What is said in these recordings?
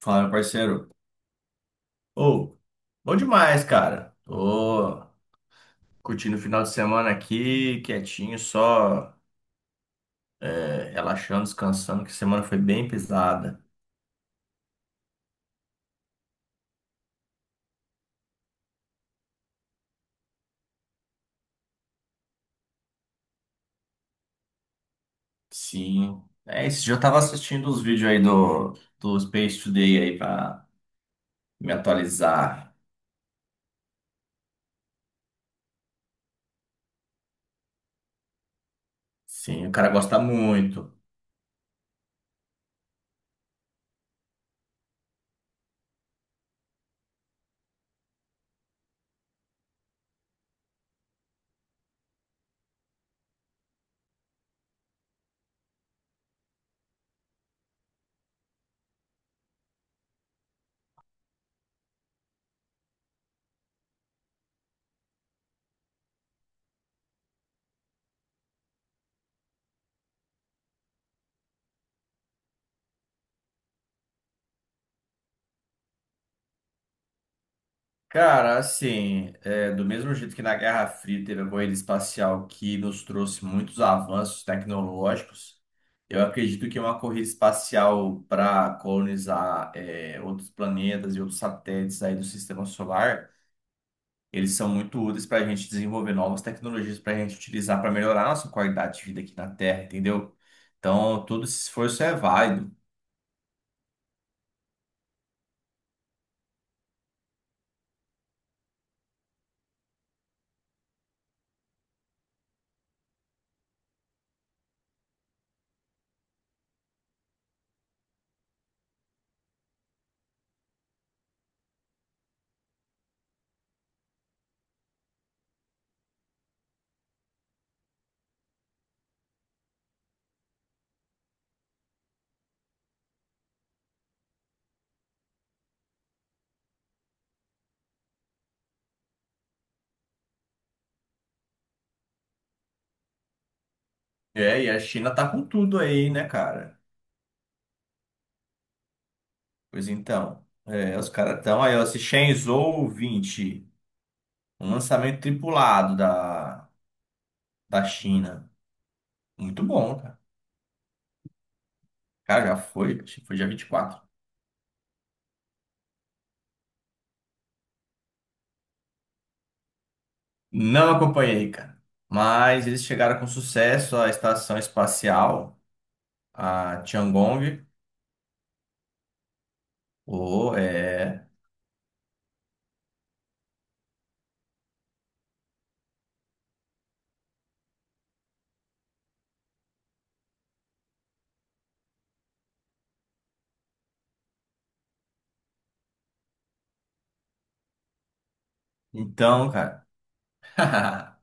Fala, meu parceiro. Ô, bom demais, cara. Tô curtindo o final de semana aqui, quietinho, só relaxando, descansando, que a semana foi bem pesada. Sim. É isso, já tava assistindo os vídeos aí do Space Today aí pra me atualizar. Sim, o cara gosta muito. Cara, assim, do mesmo jeito que na Guerra Fria teve a corrida espacial que nos trouxe muitos avanços tecnológicos, eu acredito que uma corrida espacial para colonizar outros planetas e outros satélites aí do sistema solar, eles são muito úteis para a gente desenvolver novas tecnologias para a gente utilizar para melhorar a nossa qualidade de vida aqui na Terra, entendeu? Então, todo esse esforço é válido. É, e a China tá com tudo aí, né, cara? Pois então, os caras estão aí, ó, esse Shenzhou 21 lançamento tripulado da China. Muito bom, cara. Cara, já foi, acho que foi dia 24. Não acompanhei, cara. Mas eles chegaram com sucesso à estação espacial, a Tiangong. Oh, é. Então, cara.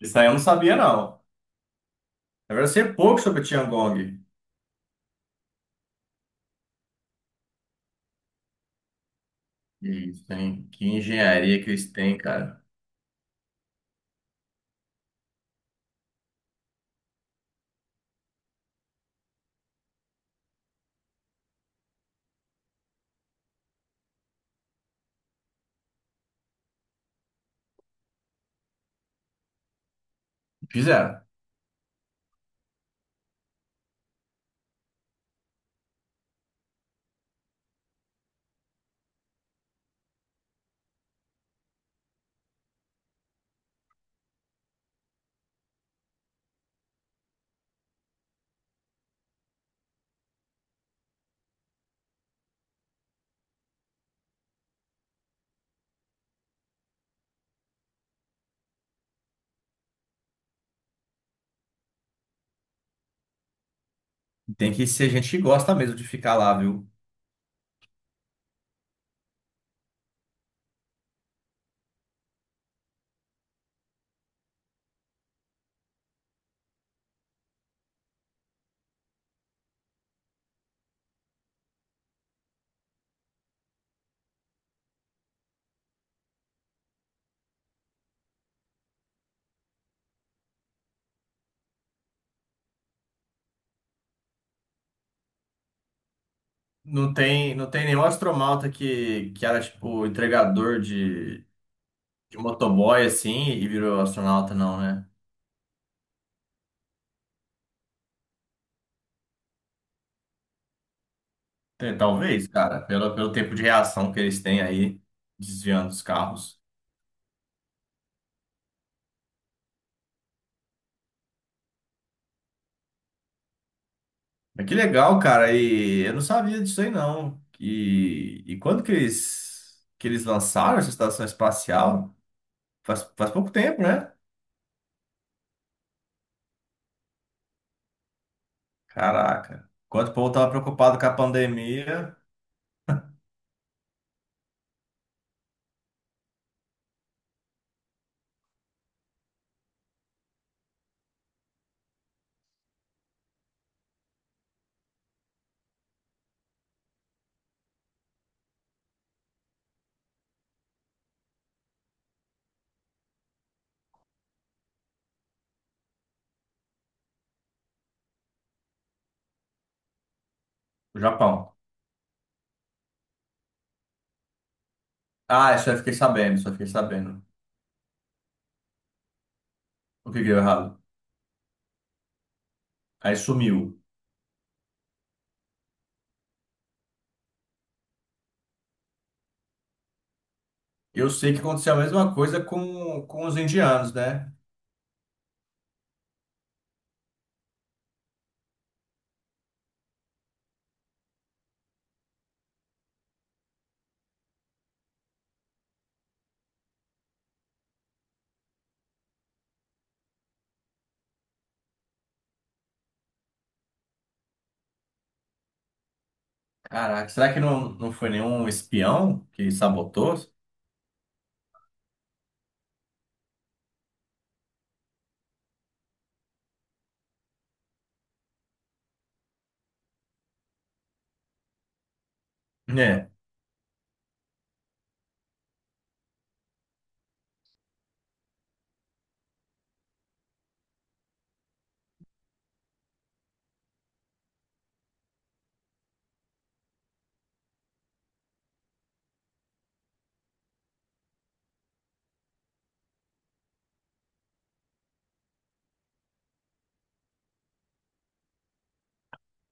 Isso aí eu não sabia, não. Na verdade, eu sei pouco sobre a Tiangong. Isso, hein? Que engenharia que eles têm, cara. Fizeram. Tem que ser gente que gosta mesmo de ficar lá, viu? Não tem nenhum astronauta que era, tipo, entregador de motoboy, assim, e virou astronauta, não, né? Talvez, cara, pelo tempo de reação que eles têm aí, desviando os carros. Mas que legal, cara. E eu não sabia disso aí, não. E quando que eles lançaram essa estação espacial? Faz pouco tempo, né? Caraca. Quando o povo tava preocupado com a pandemia. O Japão. Ah, isso eu fiquei sabendo, só fiquei sabendo. O que que deu errado? Aí sumiu. Eu sei que aconteceu a mesma coisa com os indianos, né? Caraca, será que não foi nenhum espião que sabotou? É,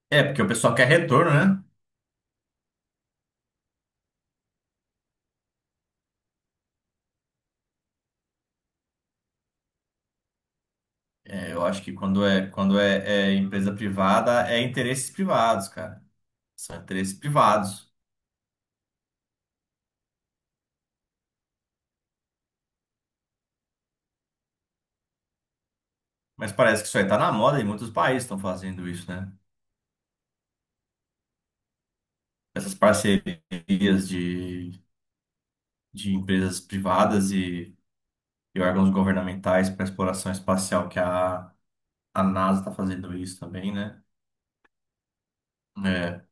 é porque o pessoal quer retorno, né? É, eu acho que quando é, é empresa privada, é interesses privados, cara. São interesses privados. Mas parece que isso aí tá na moda e muitos países estão fazendo isso, né? Essas parcerias de empresas privadas e órgãos governamentais para exploração espacial, que a NASA está fazendo isso também, né? É.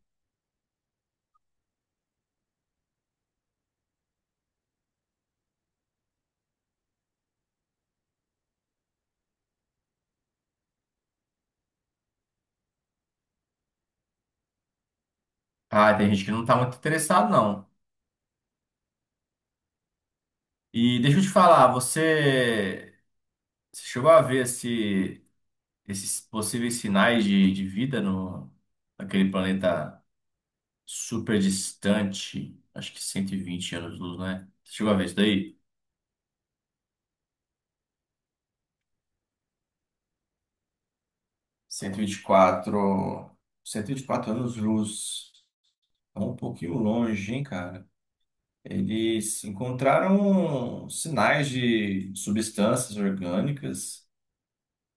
Ah, tem gente que não está muito interessado, não. E deixa eu te falar, você chegou a ver esses possíveis sinais de vida no, naquele planeta super distante, acho que 120 anos-luz, né? Você chegou a ver isso daí? Cento e vinte e quatro, cento e vinte vinte quatro e quatro anos-luz. É um pouquinho longe, hein, cara? Eles encontraram sinais de substâncias orgânicas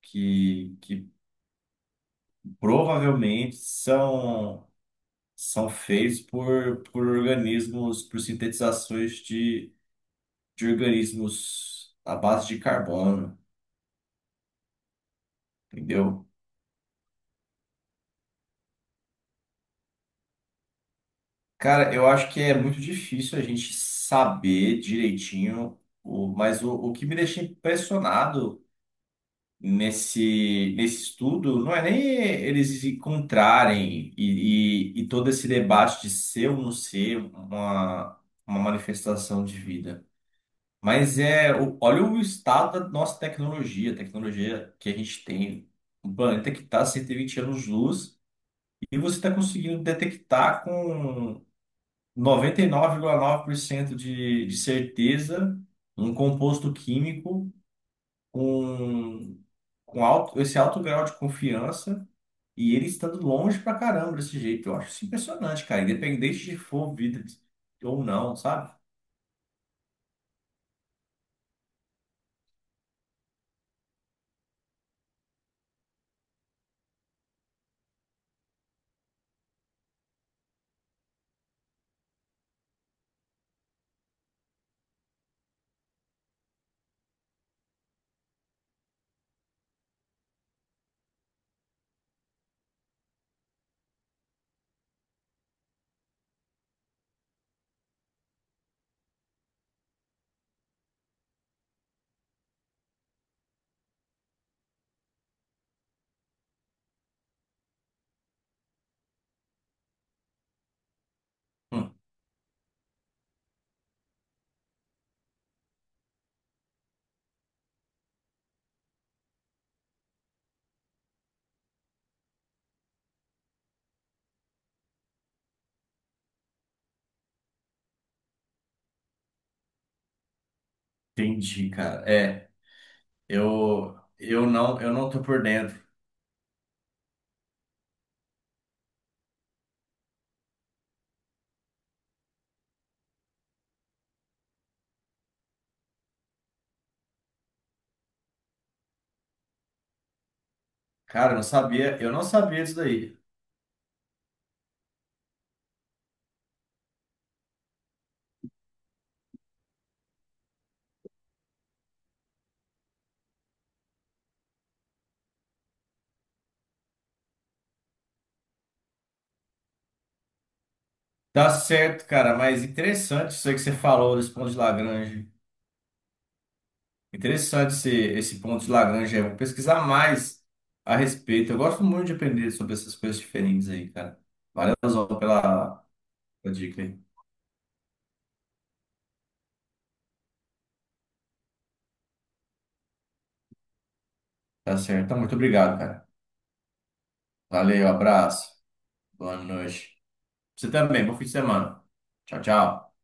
que provavelmente são feitos por organismos, por sintetizações de organismos à base de carbono, entendeu? Cara, eu acho que é muito difícil a gente saber direitinho, mas o que me deixa impressionado nesse estudo não é nem eles se encontrarem e todo esse debate de ser ou não ser uma manifestação de vida. Mas olha o estado da nossa tecnologia, a tecnologia que a gente tem. O planeta que está 120 anos-luz e você está conseguindo detectar com 99,9% de certeza um composto químico com, com esse alto grau de confiança e ele estando longe pra caramba desse jeito. Eu acho isso impressionante, cara. Independente de for vida ou não, sabe? Hum, Entendi, cara. É, eu não tô por dentro. Cara, eu não sabia disso daí. Tá certo, cara, mas interessante isso aí que você falou desse ponto de Lagrange. Interessante esse ponto de Lagrange. Eu vou pesquisar mais a respeito. Eu gosto muito de aprender sobre essas coisas diferentes aí, cara. Valeu, Zó, pela dica aí. Tá certo. Então, muito obrigado, cara. Valeu, abraço. Boa noite. Você também. Bom fim de semana. Tchau, tchau.